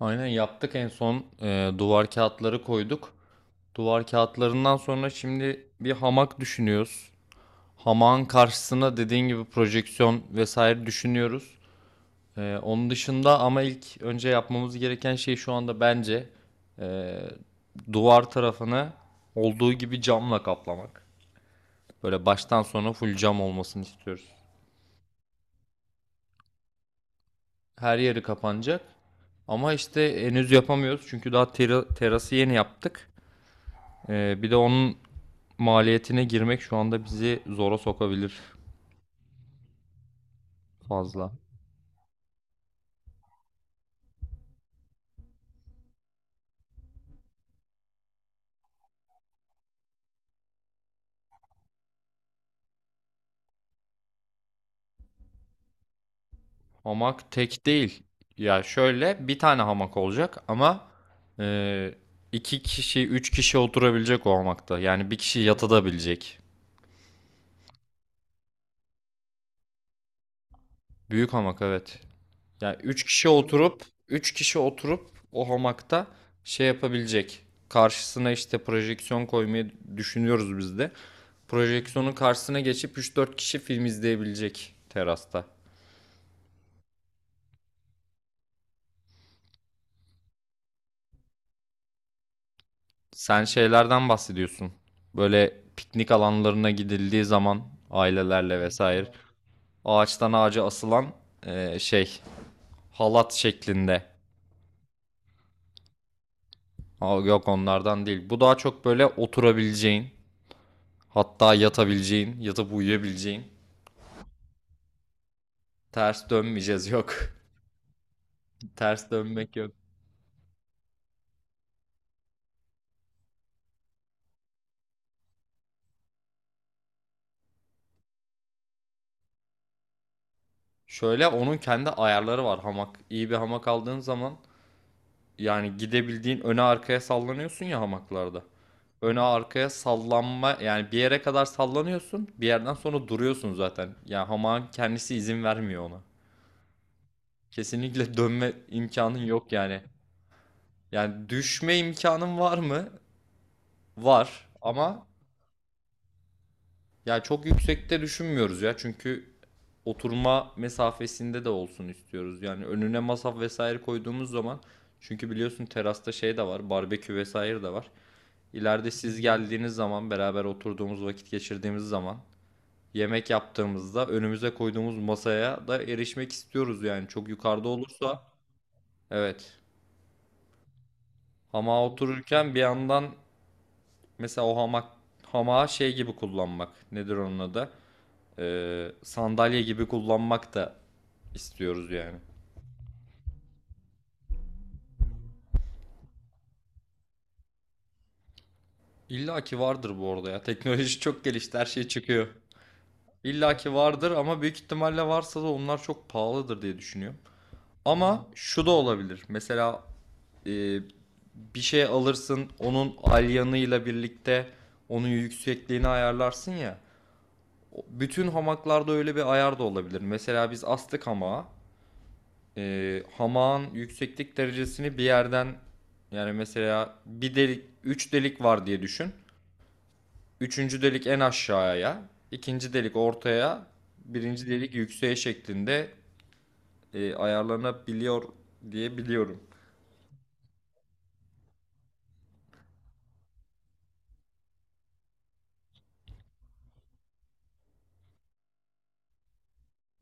Aynen yaptık en son, duvar kağıtları koyduk. Duvar kağıtlarından sonra şimdi bir hamak düşünüyoruz. Hamağın karşısına dediğin gibi projeksiyon vesaire düşünüyoruz. Onun dışında ama ilk önce yapmamız gereken şey şu anda bence, e, duvar tarafını olduğu gibi camla kaplamak. Böyle baştan sona full cam olmasını istiyoruz. Her yeri kapanacak. Ama işte henüz yapamıyoruz çünkü daha terası yeni yaptık. Bir de onun maliyetine girmek şu anda bizi zora sokabilir fazla. Hamak tek değil. Ya şöyle bir tane hamak olacak ama e, iki kişi, üç kişi oturabilecek o hamakta. Yani bir kişi yatabilecek. Büyük hamak evet. Yani üç kişi oturup o hamakta şey yapabilecek. Karşısına işte projeksiyon koymayı düşünüyoruz biz de. Projeksiyonun karşısına geçip üç dört kişi film izleyebilecek terasta. Sen şeylerden bahsediyorsun. Böyle piknik alanlarına gidildiği zaman ailelerle vesaire ağaçtan ağaca asılan, şey, halat şeklinde. Aa, yok onlardan değil. Bu daha çok böyle oturabileceğin, hatta yatabileceğin, yatıp uyuyabileceğin. Ters dönmeyeceğiz, yok. Ters dönmek yok. Şöyle onun kendi ayarları var hamak. İyi bir hamak aldığın zaman, yani gidebildiğin, öne arkaya sallanıyorsun ya hamaklarda. Öne arkaya sallanma, yani bir yere kadar sallanıyorsun. Bir yerden sonra duruyorsun zaten. Yani hamağın kendisi izin vermiyor ona. Kesinlikle dönme imkanın yok yani. Yani düşme imkanın var mı? Var ama yani çok yüksekte düşünmüyoruz ya. Çünkü oturma mesafesinde de olsun istiyoruz. Yani önüne masa vesaire koyduğumuz zaman, çünkü biliyorsun terasta şey de var, barbekü vesaire de var. İleride siz geldiğiniz zaman, beraber oturduğumuz, vakit geçirdiğimiz zaman, yemek yaptığımızda önümüze koyduğumuz masaya da erişmek istiyoruz, yani çok yukarıda olursa, evet, hamağa otururken bir yandan mesela o hamak hamağı şey gibi kullanmak, nedir onun adı, sandalye gibi kullanmak da istiyoruz yani. İlla ki vardır bu arada ya, teknoloji çok gelişti, her şey çıkıyor. İlla ki vardır ama büyük ihtimalle varsa da onlar çok pahalıdır diye düşünüyorum. Ama şu da olabilir. Mesela, e, bir şey alırsın, onun alyanıyla birlikte onun yüksekliğini ayarlarsın ya. Bütün hamaklarda öyle bir ayar da olabilir. Mesela biz astık hamağa. Hamağın yükseklik derecesini bir yerden, yani mesela bir delik, üç delik var diye düşün. Üçüncü delik en aşağıya, ikinci delik ortaya, birinci delik yükseğe şeklinde ayarlanabiliyor diye biliyorum.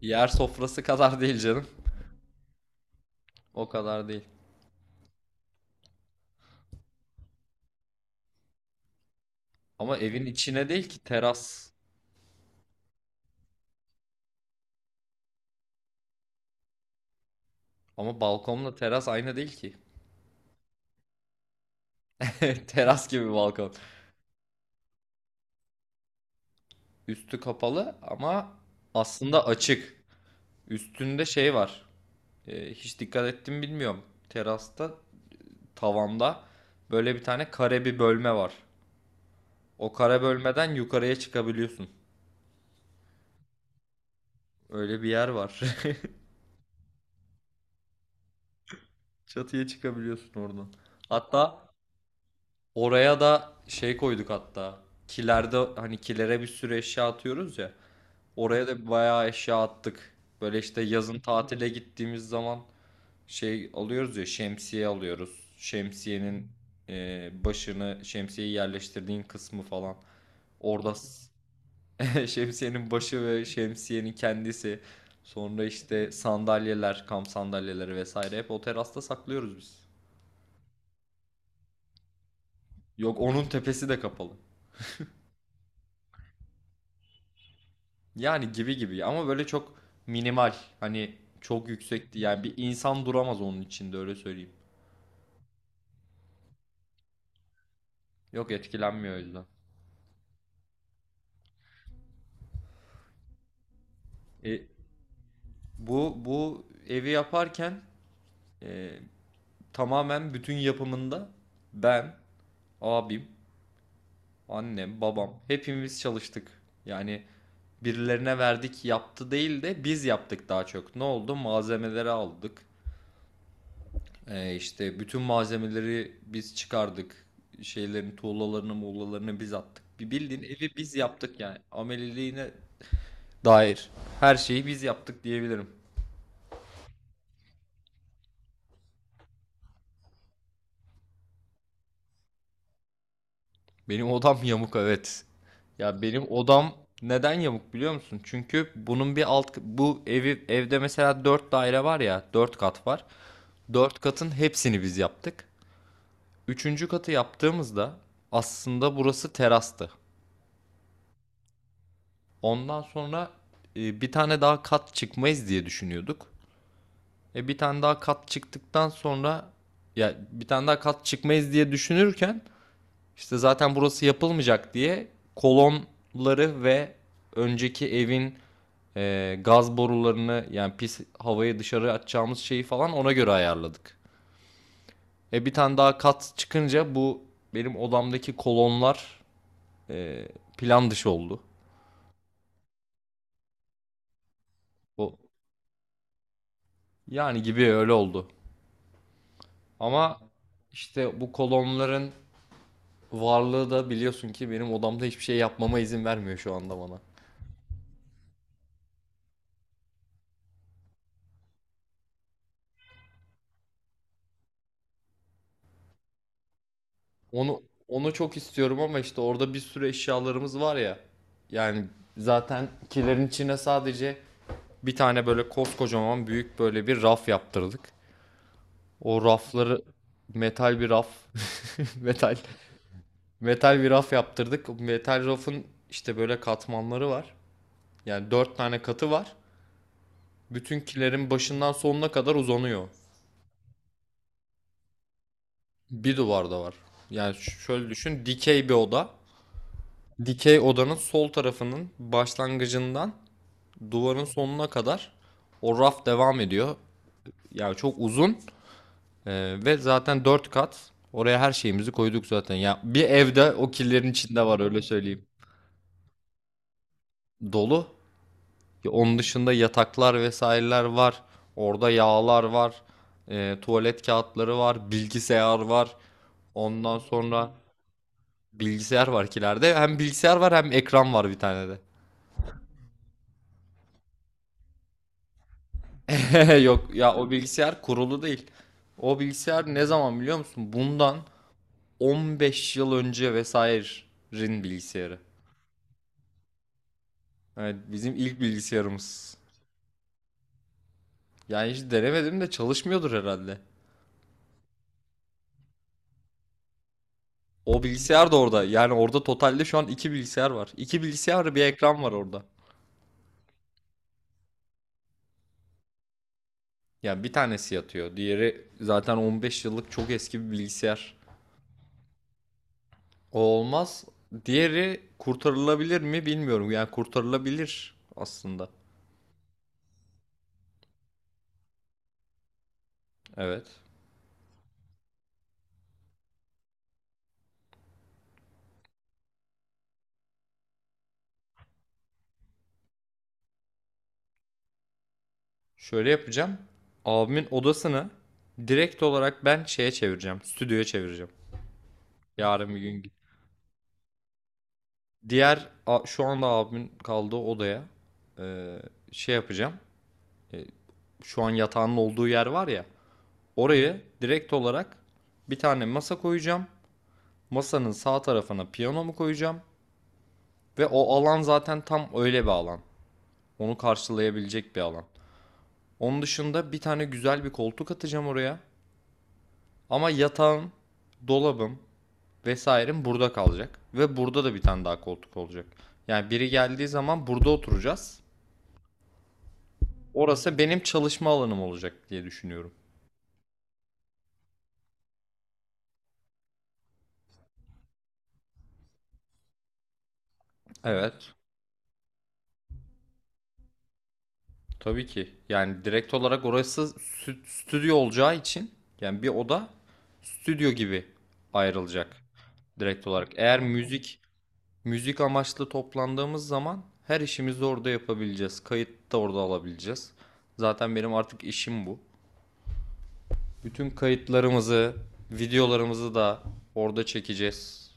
Yer sofrası kadar değil canım. O kadar değil. Ama evin içine değil ki teras. Ama balkonla teras aynı değil ki. Teras gibi balkon. Üstü kapalı ama aslında açık. Üstünde şey var. Hiç dikkat ettim bilmiyorum. Terasta, tavanda böyle bir tane kare bir bölme var. O kare bölmeden yukarıya çıkabiliyorsun. Öyle bir yer var. Çatıya çıkabiliyorsun oradan. Hatta oraya da şey koyduk hatta. Hani kilere bir sürü eşya atıyoruz ya. Oraya da bayağı eşya attık. Böyle işte yazın tatile gittiğimiz zaman şey alıyoruz ya, şemsiye alıyoruz. Şemsiyenin, başını, şemsiyeyi yerleştirdiğin kısmı falan. Orada şemsiyenin başı ve şemsiyenin kendisi. Sonra işte sandalyeler, kamp sandalyeleri vesaire hep o terasta saklıyoruz biz. Yok, onun tepesi de kapalı. Yani gibi gibi ama böyle çok minimal. Hani çok yüksekti. Yani bir insan duramaz onun içinde, öyle söyleyeyim. Yok, etkilenmiyor, o yüzden. E, bu evi yaparken, e, tamamen bütün yapımında ben, abim, annem, babam hepimiz çalıştık. Yani birilerine verdik yaptı değil de biz yaptık daha çok. Ne oldu? Malzemeleri aldık. İşte bütün malzemeleri biz çıkardık. Şeylerin tuğlalarını muğlalarını biz attık. Bir bildiğin evi biz yaptık yani. Ameliliğine dair her şeyi biz yaptık diyebilirim. Benim odam yamuk evet. Ya benim odam neden yamuk biliyor musun? Çünkü bunun bir alt bu evi evde mesela 4 daire var ya, 4 kat var. 4 katın hepsini biz yaptık. Üçüncü katı yaptığımızda aslında burası terastı. Ondan sonra, bir tane daha kat çıkmayız diye düşünüyorduk. Bir tane daha kat çıktıktan sonra, ya bir tane daha kat çıkmayız diye düşünürken, İşte zaten burası yapılmayacak diye kolonları ve önceki evin, gaz borularını, yani pis havayı dışarı atacağımız şeyi falan ona göre ayarladık. Bir tane daha kat çıkınca bu benim odamdaki kolonlar e, plan dışı oldu. O yani gibi öyle oldu. Ama işte bu kolonların varlığı da biliyorsun ki benim odamda hiçbir şey yapmama izin vermiyor şu anda bana. Onu onu çok istiyorum ama işte orada bir sürü eşyalarımız var ya. Yani zaten kilerin içine sadece bir tane böyle koskocaman büyük böyle bir raf yaptırdık. O rafları metal bir raf. metal metal bir raf yaptırdık. O metal rafın işte böyle katmanları var. Yani dört tane katı var. Bütün kilerin başından sonuna kadar uzanıyor. Bir duvarda var. Yani şöyle düşün, dikey bir oda. Dikey odanın sol tarafının başlangıcından duvarın sonuna kadar o raf devam ediyor. Yani çok uzun, ve zaten 4 kat. Oraya her şeyimizi koyduk zaten. Ya bir evde o killerin içinde var, öyle söyleyeyim. Dolu. Ya onun dışında yataklar vesaireler var. Orada yağlar var. Tuvalet kağıtları var. Bilgisayar var. Ondan sonra, bilgisayar var kilerde. Hem bilgisayar var hem ekran var bir tane de. Yok ya, o bilgisayar kurulu değil. O bilgisayar ne zaman biliyor musun? Bundan 15 yıl önce vesaire'in bilgisayarı. Evet, bizim ilk bilgisayarımız. Yani hiç denemedim de çalışmıyordur herhalde. O bilgisayar da orada. Yani orada totalde şu an iki bilgisayar var. İki bilgisayar, bir ekran var orada. Yani bir tanesi yatıyor. Diğeri zaten 15 yıllık çok eski bir bilgisayar. O olmaz. Diğeri kurtarılabilir mi bilmiyorum. Yani kurtarılabilir aslında. Evet. Şöyle yapacağım. Abimin odasını direkt olarak ben şeye çevireceğim. Stüdyoya çevireceğim. Yarın bir gün git. Diğer şu anda abimin kaldığı odaya, e, şey yapacağım. E, Şu an yatağının olduğu yer var ya. Oraya direkt olarak bir tane masa koyacağım. Masanın sağ tarafına piyanomu koyacağım. Ve o alan zaten tam öyle bir alan. Onu karşılayabilecek bir alan. Onun dışında bir tane güzel bir koltuk atacağım oraya. Ama yatağım, dolabım vesairem burada kalacak. Ve burada da bir tane daha koltuk olacak. Yani biri geldiği zaman burada oturacağız. Orası benim çalışma alanım olacak diye düşünüyorum. Evet. Tabii ki. Yani direkt olarak orası stüdyo olacağı için, yani bir oda stüdyo gibi ayrılacak direkt olarak. Eğer müzik amaçlı toplandığımız zaman her işimizi orada yapabileceğiz. Kayıt da orada alabileceğiz. Zaten benim artık işim bu. Bütün kayıtlarımızı, videolarımızı da orada çekeceğiz.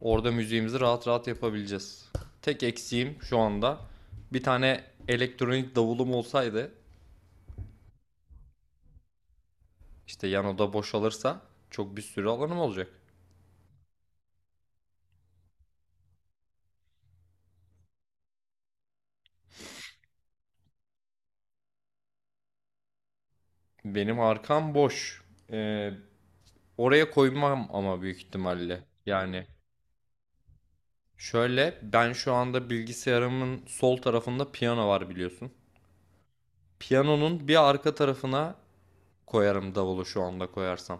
Orada müziğimizi rahat rahat yapabileceğiz. Tek eksiğim şu anda, bir tane elektronik davulum olsaydı, işte yan oda boşalırsa çok bir sürü alanım olacak. Benim arkam boş. Ee, Oraya koymam ama büyük ihtimalle. Yani şöyle, ben şu anda bilgisayarımın sol tarafında piyano var biliyorsun. Piyanonun bir arka tarafına koyarım davulu şu anda koyarsam.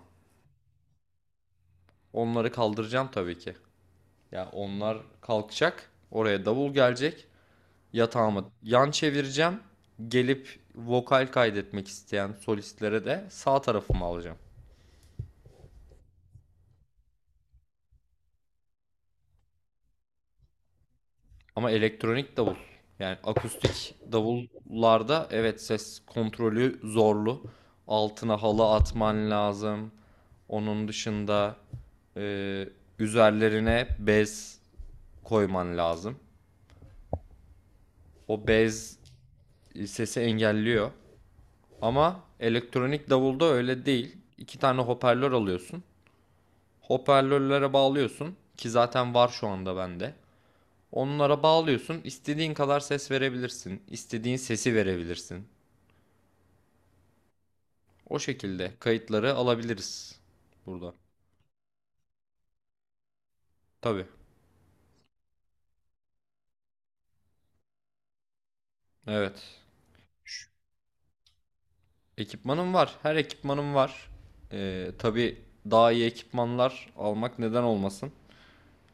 Onları kaldıracağım tabii ki. Ya, onlar kalkacak, oraya davul gelecek. Yatağımı yan çevireceğim. Gelip vokal kaydetmek isteyen solistlere de sağ tarafımı alacağım. Ama elektronik davul, yani akustik davullarda evet, ses kontrolü zorlu. Altına halı atman lazım. Onun dışında, e, üzerlerine bez koyman lazım. O bez sesi engelliyor. Ama elektronik davulda öyle değil. İki tane hoparlör alıyorsun. Hoparlörlere bağlıyorsun, ki zaten var şu anda bende. Onlara bağlıyorsun. İstediğin kadar ses verebilirsin. İstediğin sesi verebilirsin. O şekilde kayıtları alabiliriz burada. Tabii. Evet. Ekipmanım var. Her ekipmanım var. Tabii daha iyi ekipmanlar almak neden olmasın.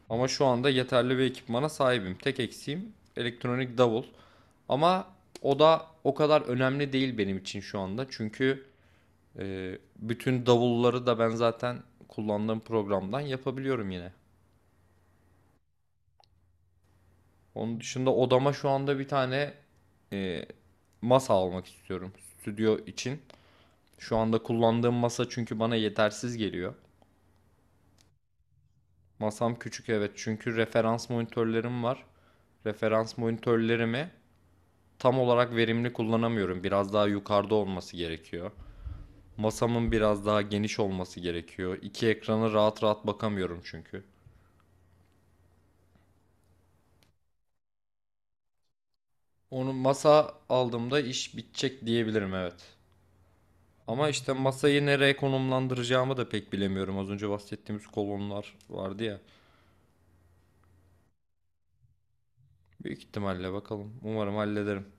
Ama şu anda yeterli bir ekipmana sahibim. Tek eksiğim elektronik davul. Ama o da o kadar önemli değil benim için şu anda. Çünkü bütün davulları da ben zaten kullandığım programdan yapabiliyorum yine. Onun dışında odama şu anda bir tane, e, masa almak istiyorum stüdyo için. Şu anda kullandığım masa çünkü bana yetersiz geliyor. Masam küçük evet, çünkü referans monitörlerim var. Referans monitörlerimi tam olarak verimli kullanamıyorum. Biraz daha yukarıda olması gerekiyor. Masamın biraz daha geniş olması gerekiyor. İki ekrana rahat rahat bakamıyorum çünkü. Onu masa aldığımda iş bitecek diyebilirim evet. Ama işte masayı nereye konumlandıracağımı da pek bilemiyorum. Az önce bahsettiğimiz kolonlar vardı ya. Büyük ihtimalle bakalım. Umarım hallederim.